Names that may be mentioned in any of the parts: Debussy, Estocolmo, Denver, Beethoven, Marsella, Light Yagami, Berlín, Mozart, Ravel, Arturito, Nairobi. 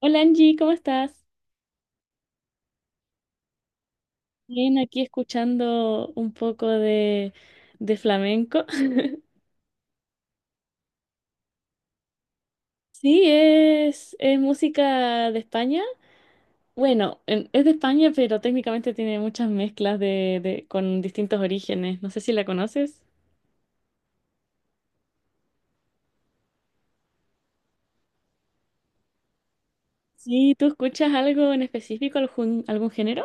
Hola Angie, ¿cómo estás? Bien, aquí escuchando un poco de flamenco. Sí, es música de España. Bueno, es de España, pero técnicamente tiene muchas mezclas de con distintos orígenes. No sé si la conoces. Sí, ¿tú escuchas algo en específico, algún género?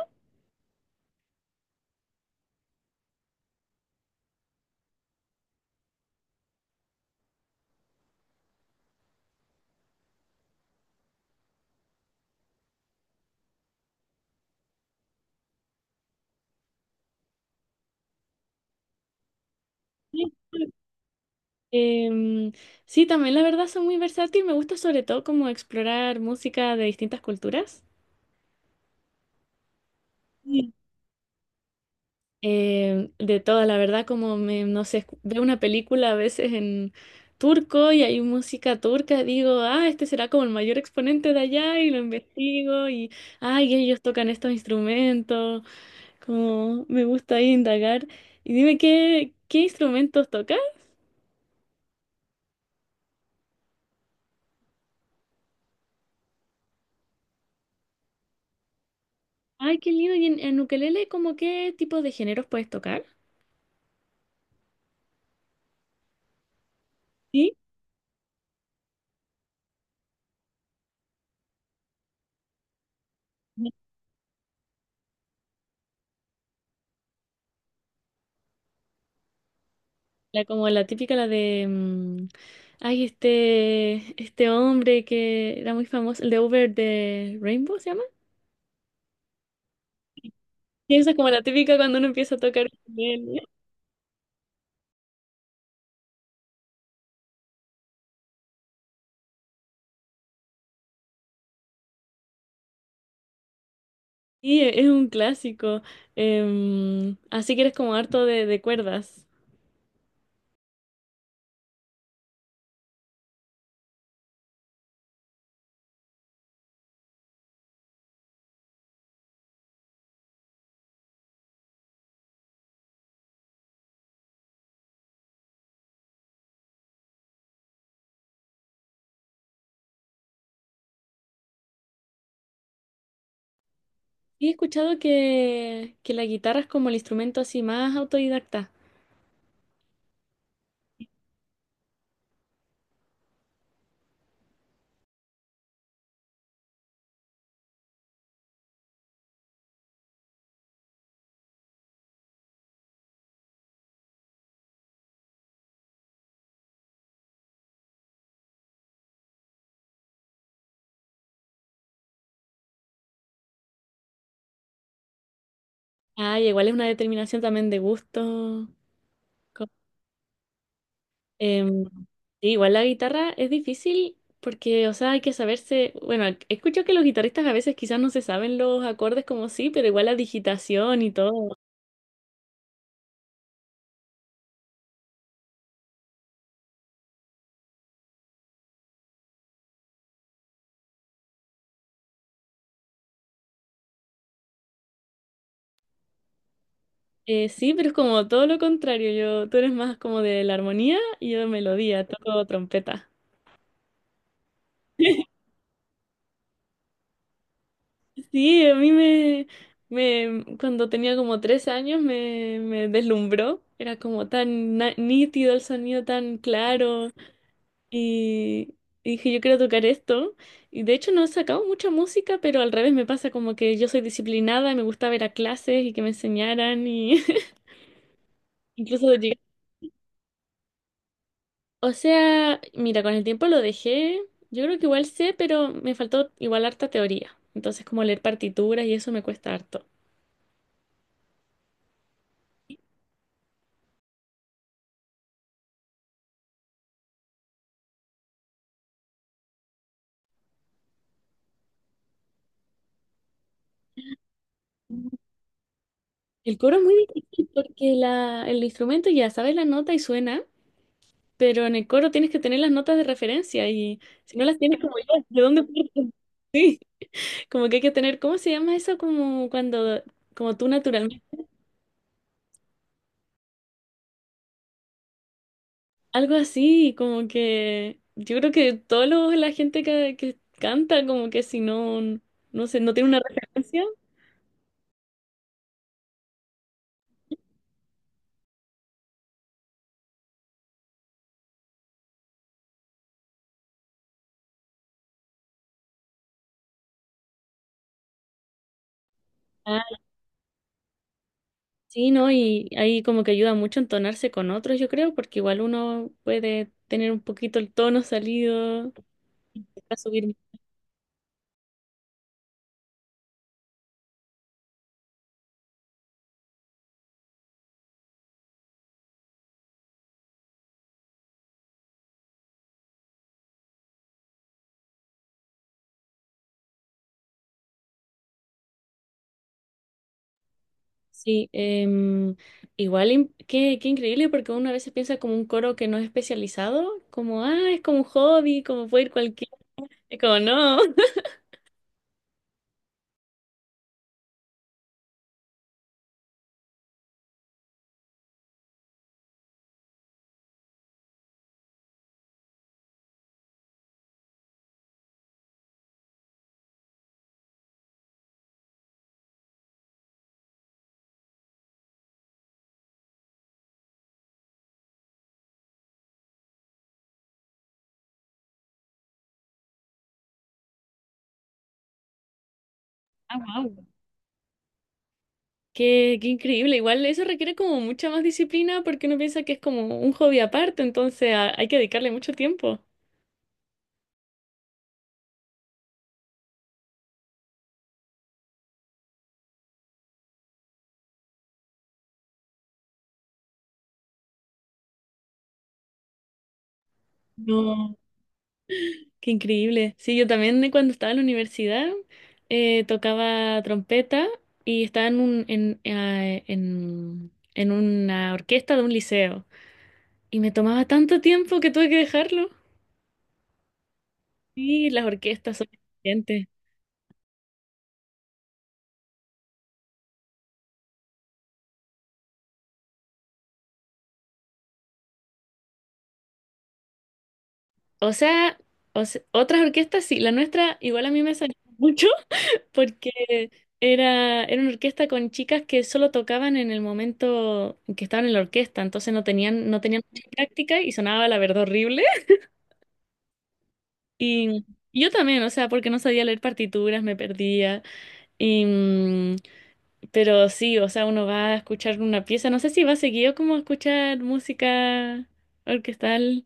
Sí, Em, sí, también la verdad son muy versátil. Me gusta sobre todo como explorar música de distintas culturas. De todas, la verdad, como me, no sé, veo una película a veces en turco y hay música turca, digo, ah, este será como el mayor exponente de allá y lo investigo y, ay, ellos tocan estos instrumentos, como me gusta ahí indagar. Y dime, ¿qué instrumentos tocas? Ay, qué lindo, y en ukelele, ¿cómo qué tipo de géneros puedes tocar? ¿Sí? La, como la típica, la de, ay, este hombre que era muy famoso, el de Over the Rainbow, ¿se llama? Y esa es como la típica cuando uno empieza a tocar ukelele. Sí, es un clásico. Así que eres como harto de cuerdas. Y he escuchado que la guitarra es como el instrumento así más autodidacta. Ay, igual es una determinación también de gusto. Em, sí, igual la guitarra es difícil porque, o sea, hay que saberse, bueno, escucho que los guitarristas a veces quizás no se saben los acordes como sí, pero igual la digitación y todo. Sí, pero es como todo lo contrario, tú eres más como de la armonía y yo de melodía, toco trompeta. Sí, a mí me, cuando tenía como 3 años me deslumbró, era como tan nítido el sonido, tan claro. Y y dije, yo quiero tocar esto. Y de hecho no he sacado mucha música, pero al revés me pasa como que yo soy disciplinada y me gusta ver a clases y que me enseñaran y incluso llegué-. O sea, mira, con el tiempo lo dejé. Yo creo que igual sé, pero me faltó igual harta teoría. Entonces, como leer partituras y eso me cuesta harto. El coro es muy difícil porque el instrumento ya sabes la nota y suena, pero en el coro tienes que tener las notas de referencia y si no las tienes como yo, ¿de dónde? Como que hay que tener, ¿cómo se llama eso? Como cuando, como tú naturalmente. Algo así, como que yo creo que todos la gente que canta, como que si no, no sé, no tiene una referencia. Ah, sí, ¿no? Y ahí como que ayuda mucho a entonarse con otros, yo creo, porque igual uno puede tener un poquito el tono salido, a subir. Sí, igual, qué increíble, porque uno a veces piensa como un coro que no es especializado, como, ah, es como un hobby, como puede ir cualquiera. Es como, no. Ah, wow. Qué increíble. Igual eso requiere como mucha más disciplina porque uno piensa que es como un hobby aparte, entonces hay que dedicarle mucho tiempo. No. Qué increíble. Sí, yo también cuando estaba en la universidad tocaba trompeta y estaba en una orquesta de un liceo. Y me tomaba tanto tiempo que tuve que dejarlo. Sí, las orquestas son exigentes. O sea, otras orquestas sí, la nuestra igual a mí me salió mucho. Porque era una orquesta con chicas que solo tocaban en el momento en que estaban en la orquesta, entonces no tenían mucha práctica y sonaba la verdad horrible. Y yo también, o sea, porque no sabía leer partituras, me perdía. Y, pero sí, o sea, uno va a escuchar una pieza, no sé si va seguido como a escuchar música orquestal.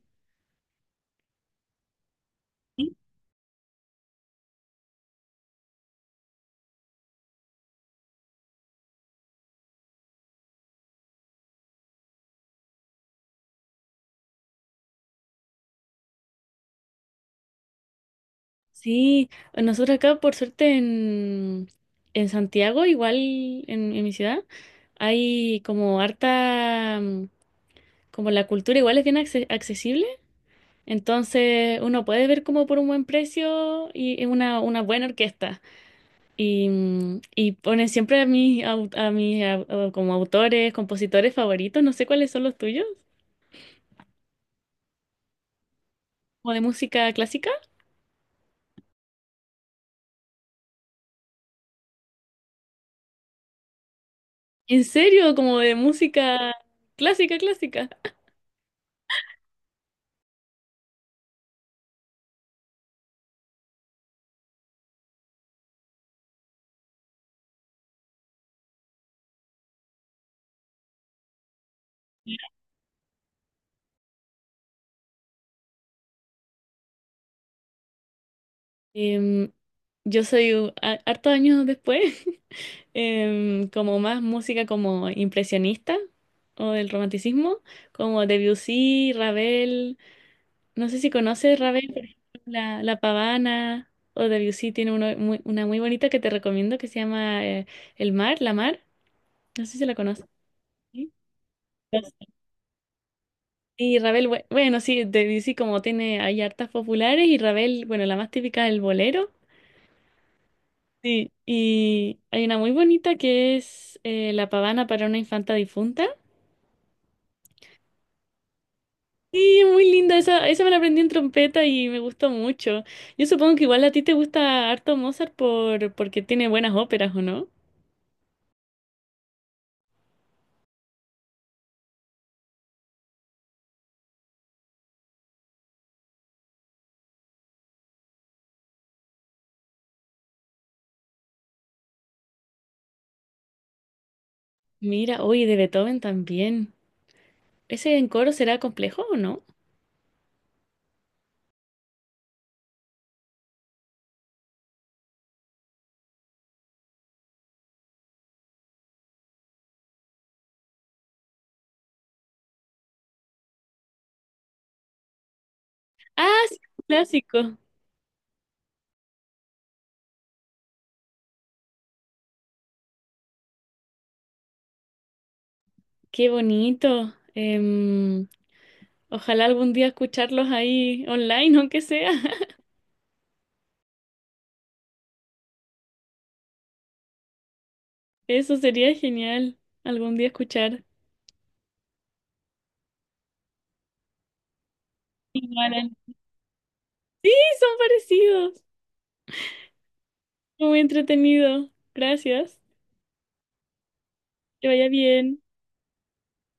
Sí, nosotros acá por suerte en Santiago, igual en mi ciudad, hay como harta, como la cultura igual es bien accesible, entonces uno puede ver como por un buen precio y una buena orquesta. Y, y ponen siempre a mis como autores, compositores favoritos, no sé cuáles son los tuyos, como de música clásica. ¿En serio? Como de música clásica, clásica. Em, yo soy hartos años después, como más música como impresionista o del romanticismo, como Debussy, Ravel. No sé si conoces Ravel, por ejemplo, La Pavana. O Debussy tiene una muy bonita que te recomiendo que se llama El Mar, La Mar. No sé si la conoces. ¿Sí? Y Ravel, bueno, sí, Debussy como tiene, hay hartas populares. Y Ravel, bueno, la más típica, el bolero. Sí, y hay una muy bonita que es La pavana para una infanta difunta. Sí, es muy linda, esa me la aprendí en trompeta y me gustó mucho. Yo supongo que igual a ti te gusta harto Mozart porque tiene buenas óperas, ¿o no? Mira, oye, de Beethoven también. ¿Ese en coro será complejo o no? Ah, sí, un clásico. Qué bonito. Ojalá algún día escucharlos ahí online, aunque sea. Eso sería genial, algún día escuchar. Igual, sí, son parecidos. Muy entretenido. Gracias. Que vaya bien.